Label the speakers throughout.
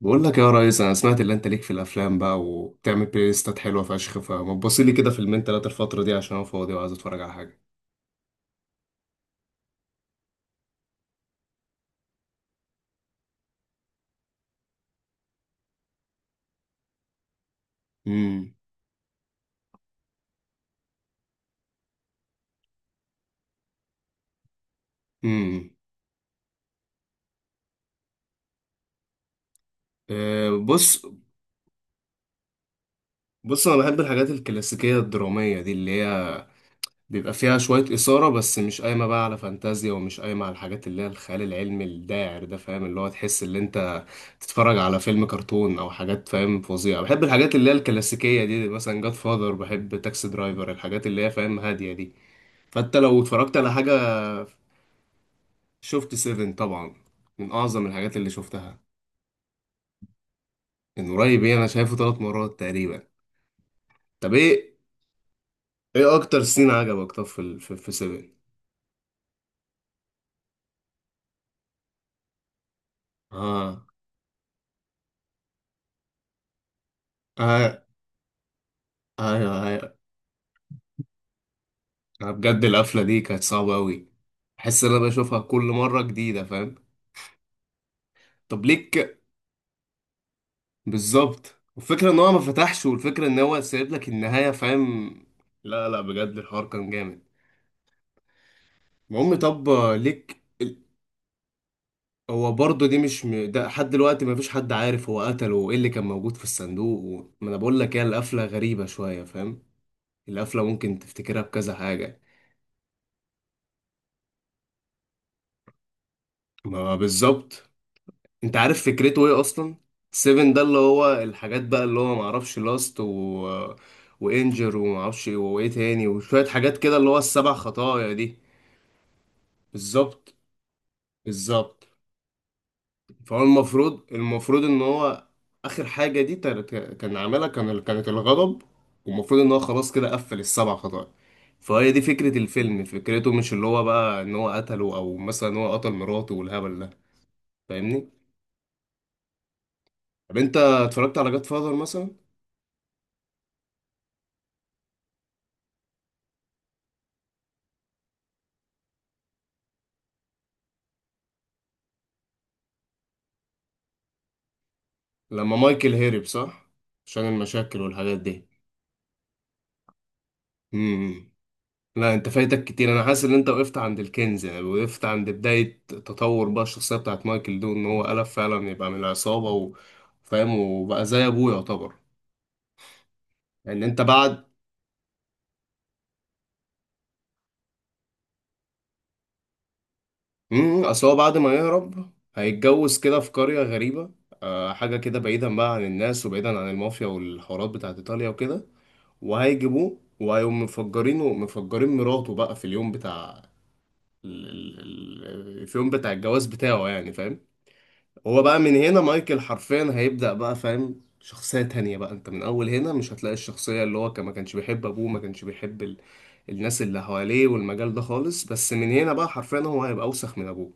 Speaker 1: بقول لك يا ريس، انا سمعت اللي انت ليك في الافلام بقى وبتعمل بلاي ليستات حلوه فشخ. فما تبص لي كده فيلمين تلاته الفتره دي عشان انا فاضي وعايز اتفرج على حاجه. امم امم أه، بص انا بحب الحاجات الكلاسيكيه الدراميه دي اللي هي بيبقى فيها شويه اثاره، بس مش قايمه بقى على فانتازيا ومش قايمه على الحاجات اللي هي الخيال العلمي الداعر ده، فاهم؟ اللي هو تحس ان انت تتفرج على فيلم كرتون او حاجات، فاهم، فظيعه. بحب الحاجات اللي هي الكلاسيكيه دي، مثلا جاد فاذر، بحب تاكسي درايفر، الحاجات اللي هي فاهم هاديه دي. فانت لو اتفرجت على حاجة... شفت سيفن طبعا، من اعظم الحاجات اللي شفتها. من قريب ايه، انا شايفه ثلاث مرات تقريبا. طب ايه، ايه اكتر سين عجبك طب في سيفن؟ اه اه، ايوه ايوه. انا بجد القفلة دي كانت صعبة قوي. احس ان انا بشوفها كل مرة جديدة، فاهم. طب ليك... بالظبط، والفكرة ان هو ما فتحش، والفكرة ان هو سايب لك النهاية، فاهم. لا لا، بجد الحوار كان جامد. المهم طب ليك... هو برضه دي مش ده لحد دلوقتي مفيش حد عارف هو قتله وايه اللي كان موجود في الصندوق ما انا بقول لك هي القفله غريبه شويه، فاهم. القفله ممكن تفتكرها بكذا حاجه. ما بالظبط. انت عارف فكرته ايه اصلا؟ سيفن ده اللي هو الحاجات بقى اللي هو معرفش لاست وانجر ومعرفش وايه تاني وشويه حاجات كده اللي هو السبع خطايا دي. بالظبط، بالظبط. فهو المفروض ان هو اخر حاجه دي كان عاملها، كان كانت الغضب. والمفروض ان هو خلاص كده قفل السبع خطايا. فهي دي فكره الفيلم، فكرته مش اللي هو بقى ان هو قتله او مثلا هو قتل مراته والهبل ده، فاهمني. طب انت اتفرجت على جاد فاذر مثلا؟ لما مايكل هرب، صح؟ عشان المشاكل والحاجات دي. امم امم. لا، انت فايتك كتير. انا حاسس ان انت وقفت عند الكنز يعني، وقفت عند بداية تطور بقى الشخصية بتاعت مايكل دون ان هو قلب فعلا يبقى من العصابة و-، فاهم، وبقى زي ابوه يعتبر. يعني انت بعد... امم، اصل هو بعد ما يهرب هيتجوز كده في قرية غريبة، آه حاجة كده بعيدا بقى عن الناس وبعيدا عن المافيا والحوارات بتاعت ايطاليا وكده، وهيجيبوه وهيقوم مفجرينه، مفجرين مراته بقى في اليوم بتاع ال- ال- في اليوم بتاع الجواز بتاعه يعني، فاهم. هو بقى من هنا مايكل حرفيا هيبدأ بقى فاهم شخصية تانية بقى، انت من اول هنا مش هتلاقي الشخصية اللي هو كان ما كانش بيحب ابوه ما كانش بيحب الناس اللي حواليه والمجال ده خالص، بس من هنا بقى حرفيا هو هيبقى اوسخ من ابوه.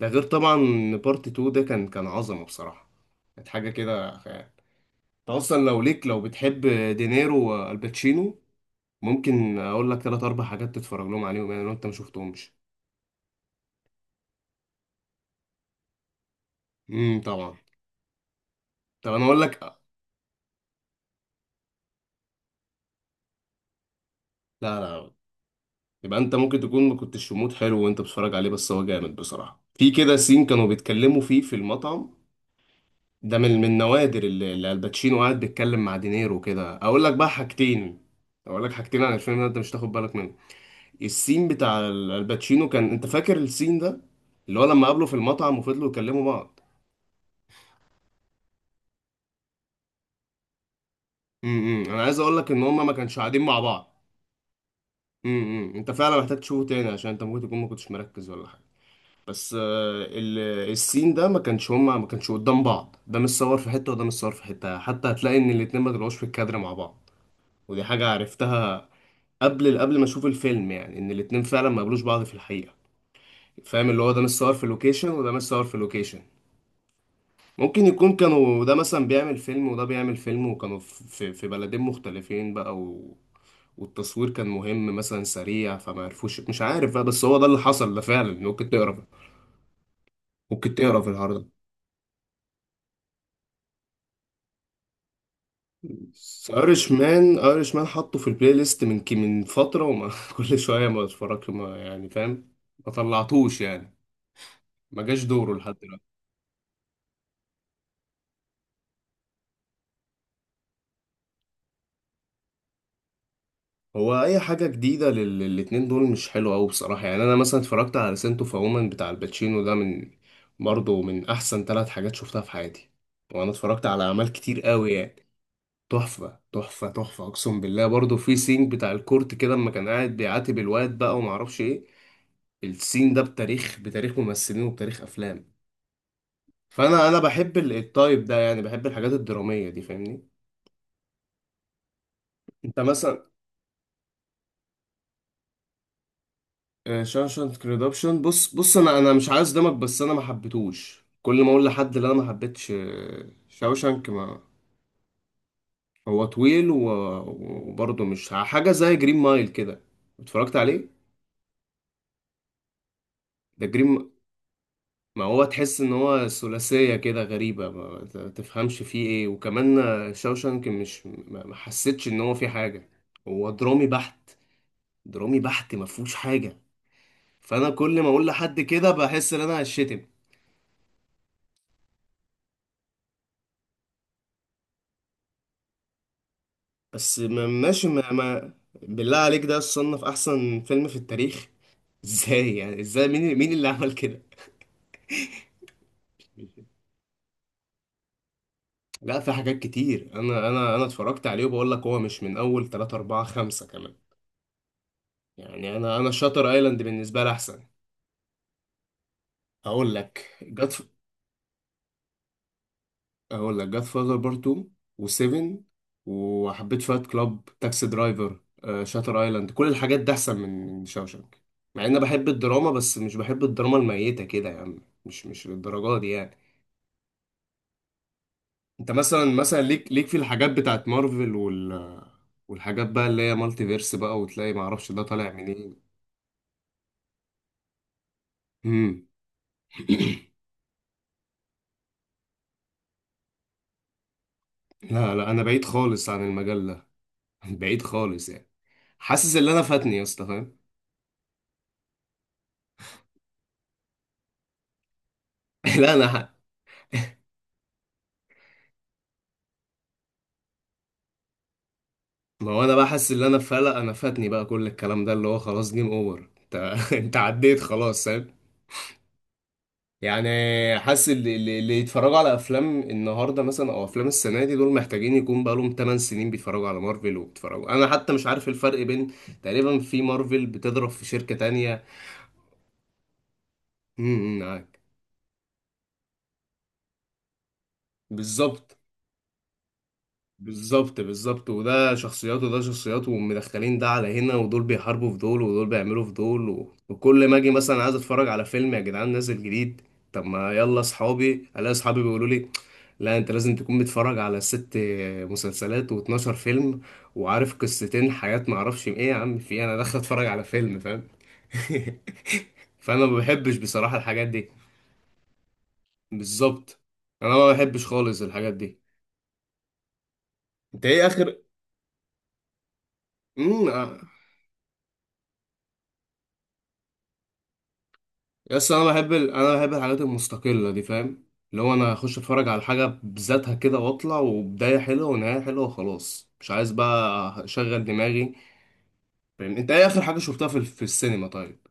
Speaker 1: ده غير طبعا ان بارت 2 ده كان عظمة بصراحة. كانت حاجة كده خيال. انت اصلا لو ليك، لو بتحب دينيرو والباتشينو، ممكن اقول لك ثلاث اربع حاجات تتفرج لهم عليهم يعني لو انت ما شفتهمش. طبعا. طب انا اقول لك. لا لا، يبقى انت ممكن تكون ما كنتش في مود حلو وانت بتتفرج عليه، بس هو جامد بصراحة. في كده سين كانوا بيتكلموا فيه في المطعم، ده من النوادر اللي الباتشينو قاعد بيتكلم مع دينيرو كده. اقول لك بقى حاجتين، اقول لك حاجتين عن الفيلم ده انت مش تاخد بالك منه. السين بتاع الباتشينو كان، انت فاكر السين ده اللي هو لما قابله في المطعم وفضلوا يكلموا بعض؟ امم، انا عايز اقول لك ان هما ما كانش قاعدين مع بعض. امم، انت فعلا محتاج تشوفه تاني عشان انت ممكن تكون ما كنتش مركز ولا حاجة. بس آه، السين ده ما كانش، هما ما كانش قدام بعض، ده مش صور في حتة وده مش صور في حتة، حتى هتلاقي ان الاتنين ما طلعوش في الكادر مع بعض. ودي حاجة عرفتها قبل ما اشوف الفيلم يعني، ان الاتنين فعلا ما قابلوش بعض في الحقيقة، فاهم، اللي هو ده مش صور في لوكيشن وده مش صور في لوكيشن. ممكن يكون كانوا ده مثلا بيعمل فيلم وده بيعمل فيلم، وكانوا في بلدين مختلفين بقى والتصوير كان مهم مثلا سريع، فما عرفوش، مش عارف بقى، بس هو ده اللي حصل ده فعلا، ممكن تقرا. ممكن تقرا في العرض. ايرش مان، ايرش مان حطه في البلاي ليست من من فتره، وما كل شويه ما اتفرج، ما يعني فاهم، ما طلعتوش يعني، ما جاش دوره لحد دلوقتي. هو اي حاجه جديده للاتنين دول مش حلوه قوي بصراحه. يعني انا مثلا اتفرجت على سنتو فومن بتاع الباتشينو ده، من برضه من احسن ثلاث حاجات شفتها في حياتي، وانا اتفرجت على اعمال كتير قوي يعني. تحفه تحفه تحفه اقسم بالله. برضه في سينج بتاع الكورت كده اما كان قاعد بيعاتب الواد بقى، وما اعرفش ايه، السين ده بتاريخ ممثلين وبتاريخ افلام. فانا بحب التايب ده يعني، بحب الحاجات الدراميه دي فاهمني. انت مثلا... شاوشانك ريدمبشن، بص انا مش عايز دمك، بس انا ما حبيتهوش. كل ما اقول لحد اللي انا ما حبيتش شاوشانك... ما هو طويل وبرضه مش حاجه زي جرين مايل كده، اتفرجت عليه؟ ده جرين... ما هو تحس ان هو ثلاثية كده غريبة، ما تفهمش فيه ايه، وكمان شاوشانك مش ما حسيتش ان هو فيه حاجة، هو درامي بحت، درامي بحت ما فيهوش حاجة. فانا كل ما اقول لحد كده بحس ان انا هشتم. بس ما ماشي ما, ما بالله عليك ده صنف احسن فيلم في التاريخ. ازاي يعني، ازاي، مين اللي عمل كده؟ لا في حاجات كتير. انا انا اتفرجت عليه وبقول لك هو مش من اول 3 4 5 كمان يعني. انا شاتر ايلاند بالنسبة لي احسن. اقول لك جاد... اقول لك جاد فاذر بارت 2 و7، وحبيت فايت كلاب، تاكسي درايفر، آه، شاتر ايلاند، كل الحاجات دي احسن من شاوشانك. مع ان بحب الدراما، بس مش بحب الدراما الميتة كده يعني، مش للدرجة دي يعني. انت مثلا ليك في الحاجات بتاعت مارفل وال والحاجات بقى اللي هي مالتي فيرس بقى، وتلاقي معرفش ده طالع منين. مم. لا لا، انا بعيد خالص عن المجال ده. بعيد خالص يعني. حاسس ان انا فاتني يا اسطى، فاهم. لا انا... ما هو انا بقى حاسس ان انا فلق، انا فاتني بقى كل الكلام ده، اللي هو خلاص جيم اوفر انت. انت عديت خلاص، فاهم يعني. حاسس اللي يتفرجوا على افلام النهارده مثلا او افلام السنه دي، دول محتاجين يكون بقى لهم 8 سنين. بيتفرجوا على مارفل وبيتفرجوا، انا حتى مش عارف الفرق بين تقريبا في مارفل بتضرب في شركه تانية. امم، معاك. بالظبط، بالظبط، بالظبط. وده شخصيات وده شخصيات، ومدخلين ده على هنا، ودول بيحاربوا في دول ودول بيعملوا في دول و... وكل ما اجي مثلا عايز اتفرج على فيلم يا جدعان نازل جديد، طب ما يلا اصحابي، الاقي اصحابي بيقولوا لي لا انت لازم تكون متفرج على ست مسلسلات و12 فيلم وعارف قصتين حاجات، ما اعرفش ايه يا عم في إيه؟ انا داخل اتفرج على فيلم فاهم. فانا ما بحبش بصراحة الحاجات دي. بالظبط. انا ما بحبش خالص الحاجات دي. انت ايه اخر... آه. بس انا بحب انا بحب الحاجات المستقله دي، فاهم، اللي هو انا اخش اتفرج على حاجه بذاتها كده واطلع، وبدايه حلوه ونهايه حلوه وخلاص، مش عايز بقى اشغل دماغي، فاهم. انت ايه اخر حاجه شفتها في السينما طيب؟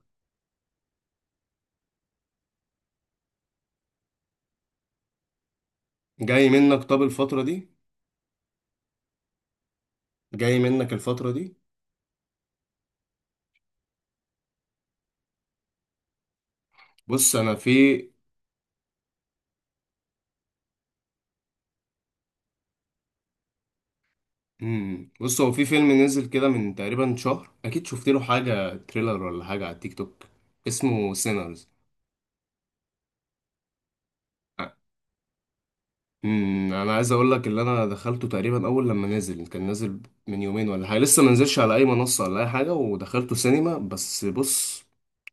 Speaker 1: جاي منك، طب الفتره دي. جاي منك الفتره دي. بص انا في... مم. بص هو في فيلم نزل كده من تقريبا شهر اكيد، شفت له حاجه تريلر ولا حاجه على التيك توك، اسمه سينرز. امم، انا عايز اقول لك اللي انا دخلته تقريبا اول لما نزل، كان نازل من يومين ولا حاجه، لسه ما نزلش على اي منصه ولا اي حاجه، ودخلته سينما، بس بص.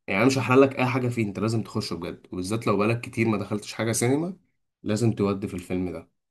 Speaker 1: يعني انا مش هحرق لك اي حاجه فيه، انت لازم تخشه بجد، وبالذات لو بقالك كتير ما دخلتش حاجه سينما، لازم تودي في الفيلم ده.